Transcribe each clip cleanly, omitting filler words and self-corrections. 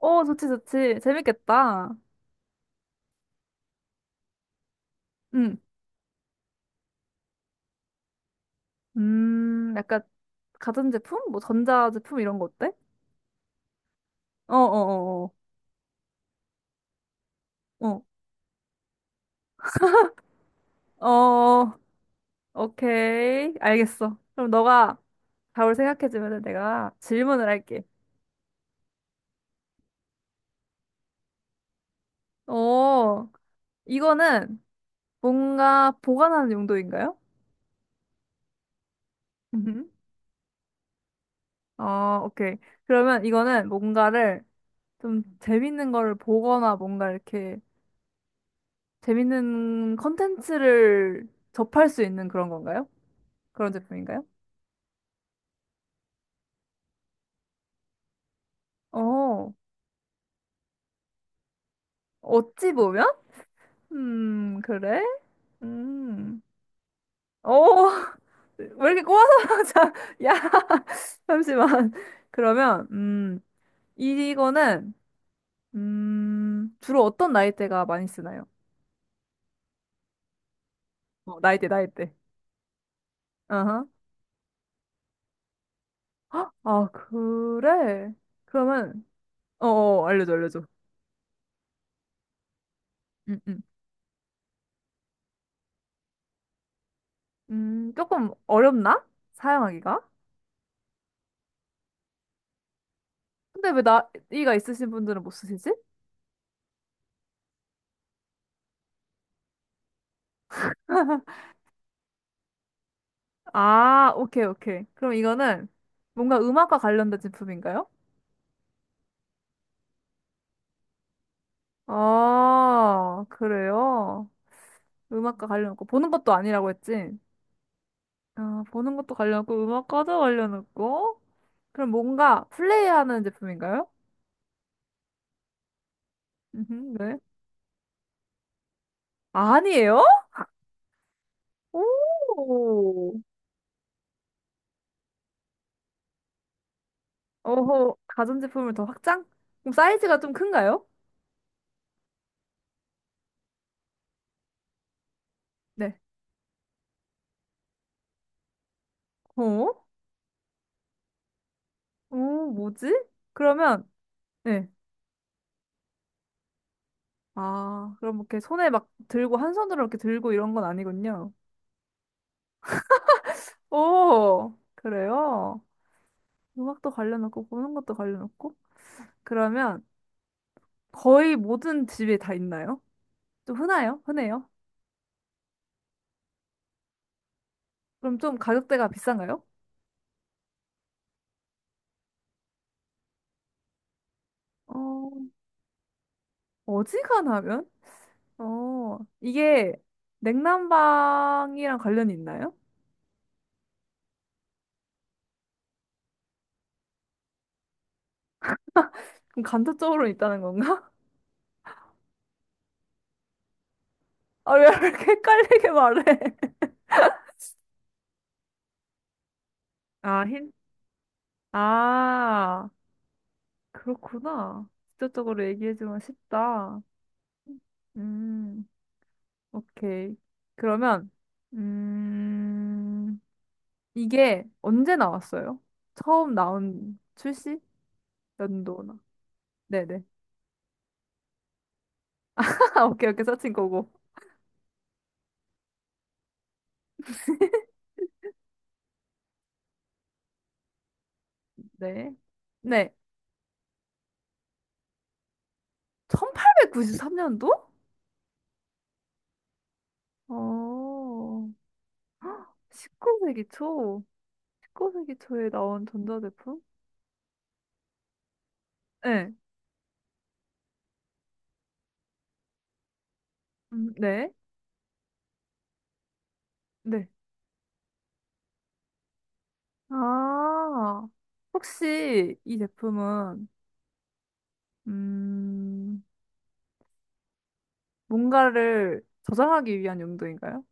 좋지, 좋지. 재밌겠다. 응. 약간 가전제품? 뭐 전자제품 이런 거 어때? 어, 어, 어, 어. 어, 어, 오케이. 알겠어. 그럼 너가 답을 생각해주면 내가 질문을 할게. 어, 이거는 뭔가 보관하는 용도인가요? 음. 오케이. 그러면 이거는 뭔가를 좀 재밌는 거를 보거나 뭔가 이렇게 재밌는 컨텐츠를 접할 수 있는 그런 건가요? 그런 제품인가요? 어, 어찌 보면? 그래? 음, 어, 왜 이렇게 꼬아서, 자, 야, 잠시만. 그러면, 이거는, 주로 어떤 나이대가 많이 쓰나요? 어, 나이대, 나이대. 어허. 헉, 아, 그래? 그러면, 어, 어, 알려줘, 알려줘. 음, 음. 조금 어렵나? 사용하기가? 근데 왜 나이가 있으신 분들은 못 쓰시지? 아, 오케이, 오케이. 그럼 이거는 뭔가 음악과 관련된 제품인가요? 아, 그래요? 음악과 관련 없고, 보는 것도 아니라고 했지? 아, 보는 것도 관련 없고, 음악과도 관련 없고, 그럼 뭔가 플레이하는 제품인가요? 네. 아니에요? 오, 어허, 가전제품을 더 확장? 그럼 사이즈가 좀 큰가요? 네. 어? 오, 뭐지? 그러면, 네. 아, 그럼 이렇게 손에 막 들고, 한 손으로 이렇게 들고 이런 건 아니군요. 오, 그래요? 음악도 관련없고, 보는 것도 관련없고. 그러면 거의 모든 집에 다 있나요? 좀 흔해요? 흔해요? 그럼 좀 가격대가 비싼가요? 어, 어지간하면? 이게 냉난방이랑 관련이 있나요? 그럼 간접적으로 있다는 건가? 아, 왜 이렇게 헷갈리게 말해? 아, 힌, 아. 그렇구나. 직접적으로 얘기해주면 쉽다. 음, 오케이. 그러면, 음, 이게 언제 나왔어요? 처음 나온 출시? 연도나. 네네. 오케이, 오케이. 서칭 고고. 네. 네. 1893년도? 어, 19세기 초. 19세기 초에 나온 전자제품? 네. 네. 네. 아, 혹시 이 제품은 음, 뭔가를 저장하기 위한 용도인가요?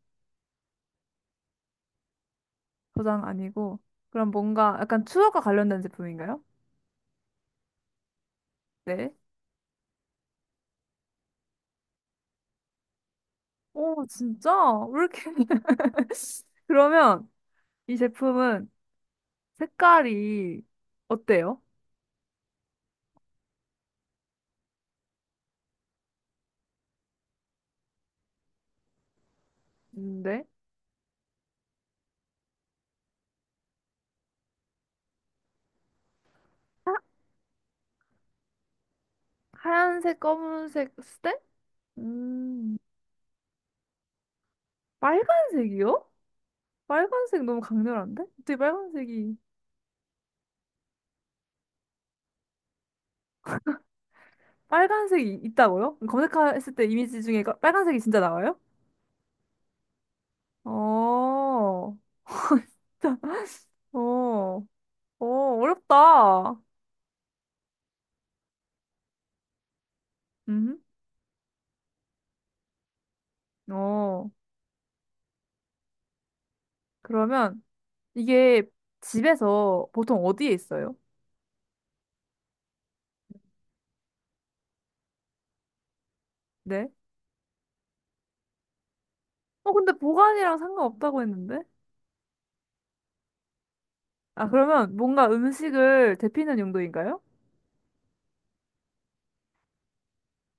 저장 아니고, 그럼 뭔가 약간 추억과 관련된 제품인가요? 네. 오, 진짜? 왜 이렇게. 그러면 이 제품은 색깔이 어때요? 네. 하- 하얀색, 검은색, 스테? 음, 빨간색이요? 빨간색 너무 강렬한데? 어떻게 빨간색이, 빨간색이 있다고요? 검색했을 때 이미지 중에 빨간색이 진짜 나와요? 어, 어, 어렵다. 음. 어, 그러면 이게 집에서 보통 어디에 있어요? 네. 어, 근데 보관이랑 상관없다고 했는데? 아, 그러면 뭔가 음식을 데피는 용도인가요?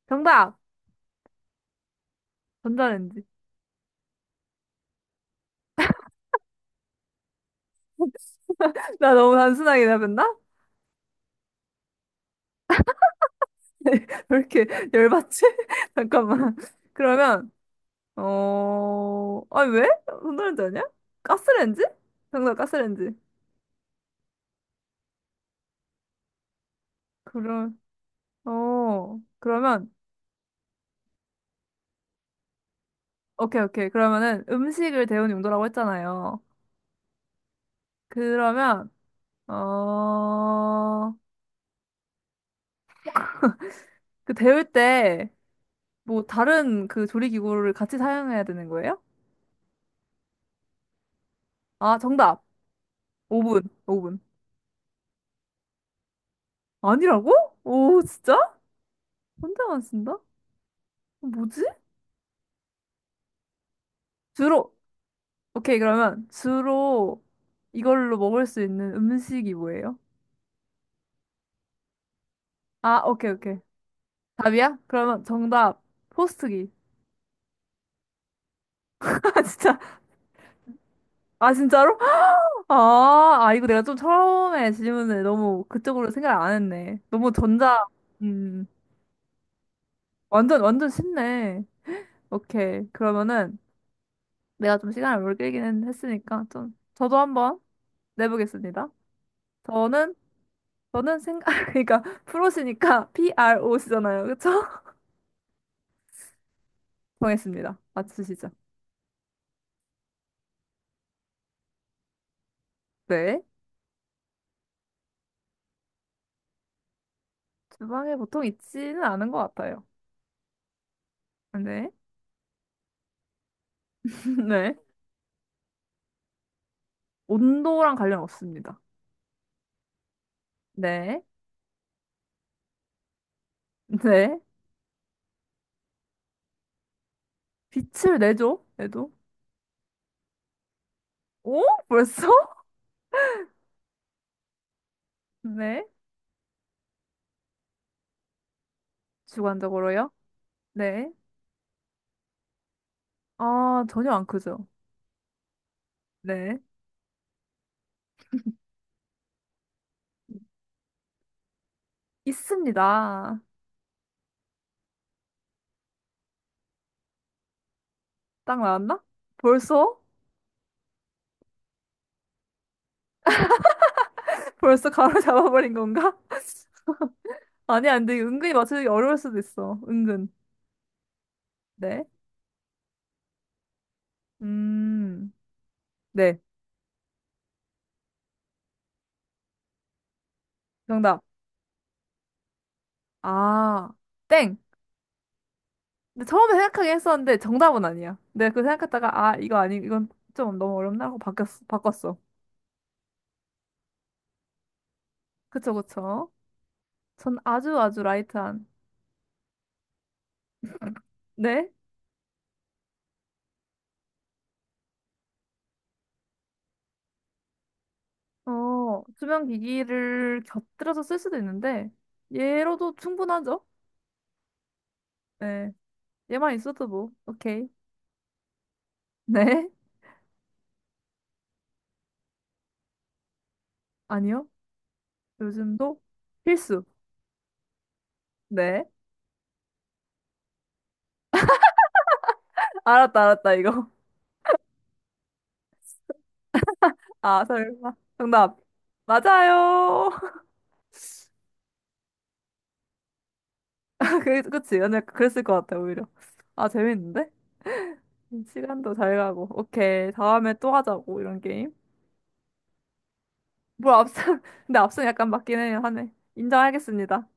정답! 전자레인지. 나 너무 단순하게 답했나? 왜 이렇게 열받지? 잠깐만. 그러면, 어, 아니, 왜? 전자레인지 아니야? 가스레인지? 정답, 가스레인지. 그럼, 어, 그러면 오케이, 오케이. 그러면은 음식을 데우는 용도라고 했잖아요. 그러면, 어, 그 데울 때 뭐 다른 그 조리기구를 같이 사용해야 되는 거예요? 아, 정답. 오븐, 오븐. 아니라고? 오, 진짜? 혼자만 쓴다? 뭐지? 주로, 오케이. 그러면 주로 이걸로 먹을 수 있는 음식이 뭐예요? 아, 오케이, 오케이. 답이야? 그러면 정답. 포스트기. 아, 진짜. 아, 진짜로? 아, 아, 이거 내가 좀 처음에 질문을 너무 그쪽으로 생각을 안 했네. 너무 전자, 음, 완전, 완전 쉽네. 오케이. 그러면은 내가 좀 시간을 오래 끌기는 했으니까 좀, 저도 한번 내보겠습니다. 저는, 저는 생각, 그러니까 프로시니까 PRO시잖아요. 그쵸? 정했습니다. 맞추시죠. 네. 주방에 보통 있지는 않은 것 같아요. 네. 네. 온도랑 관련 없습니다. 네. 네. 빛을 내죠? 얘도? 오? 벌써? 네. 주관적으로요? 네. 아, 전혀 안 크죠? 네. 있습니다. 딱 나왔나? 벌써? 벌써 가로잡아버린 건가? 아니, 안 돼. 은근히 맞추기 어려울 수도 있어. 은근. 네. 음. 네. 정답. 아, 땡. 근데 처음에 생각하긴 했었는데 정답은 아니야. 내가 그 생각했다가 아, 이거 아니, 이건 좀 너무 어렵나 하고 바꿨어. 그쵸, 그쵸. 전 아주 아주 라이트한. 네? 어, 수면 기기를 곁들여서 쓸 수도 있는데, 얘로도 충분하죠? 네. 얘만 있어도 뭐, 오케이. 네. 아니요. 요즘도 필수. 네. 알았다, 알았다, 이거. 아, 설마. 정답. 맞아요. 그, 그치. 근데 그랬을 것 같아, 오히려. 아, 재밌는데? 시간도 잘 가고. 오케이. 다음에 또 하자고, 이런 게임. 뭐, 앞선, 근데 앞선 약간 맞긴 해요, 하네. 인정하겠습니다.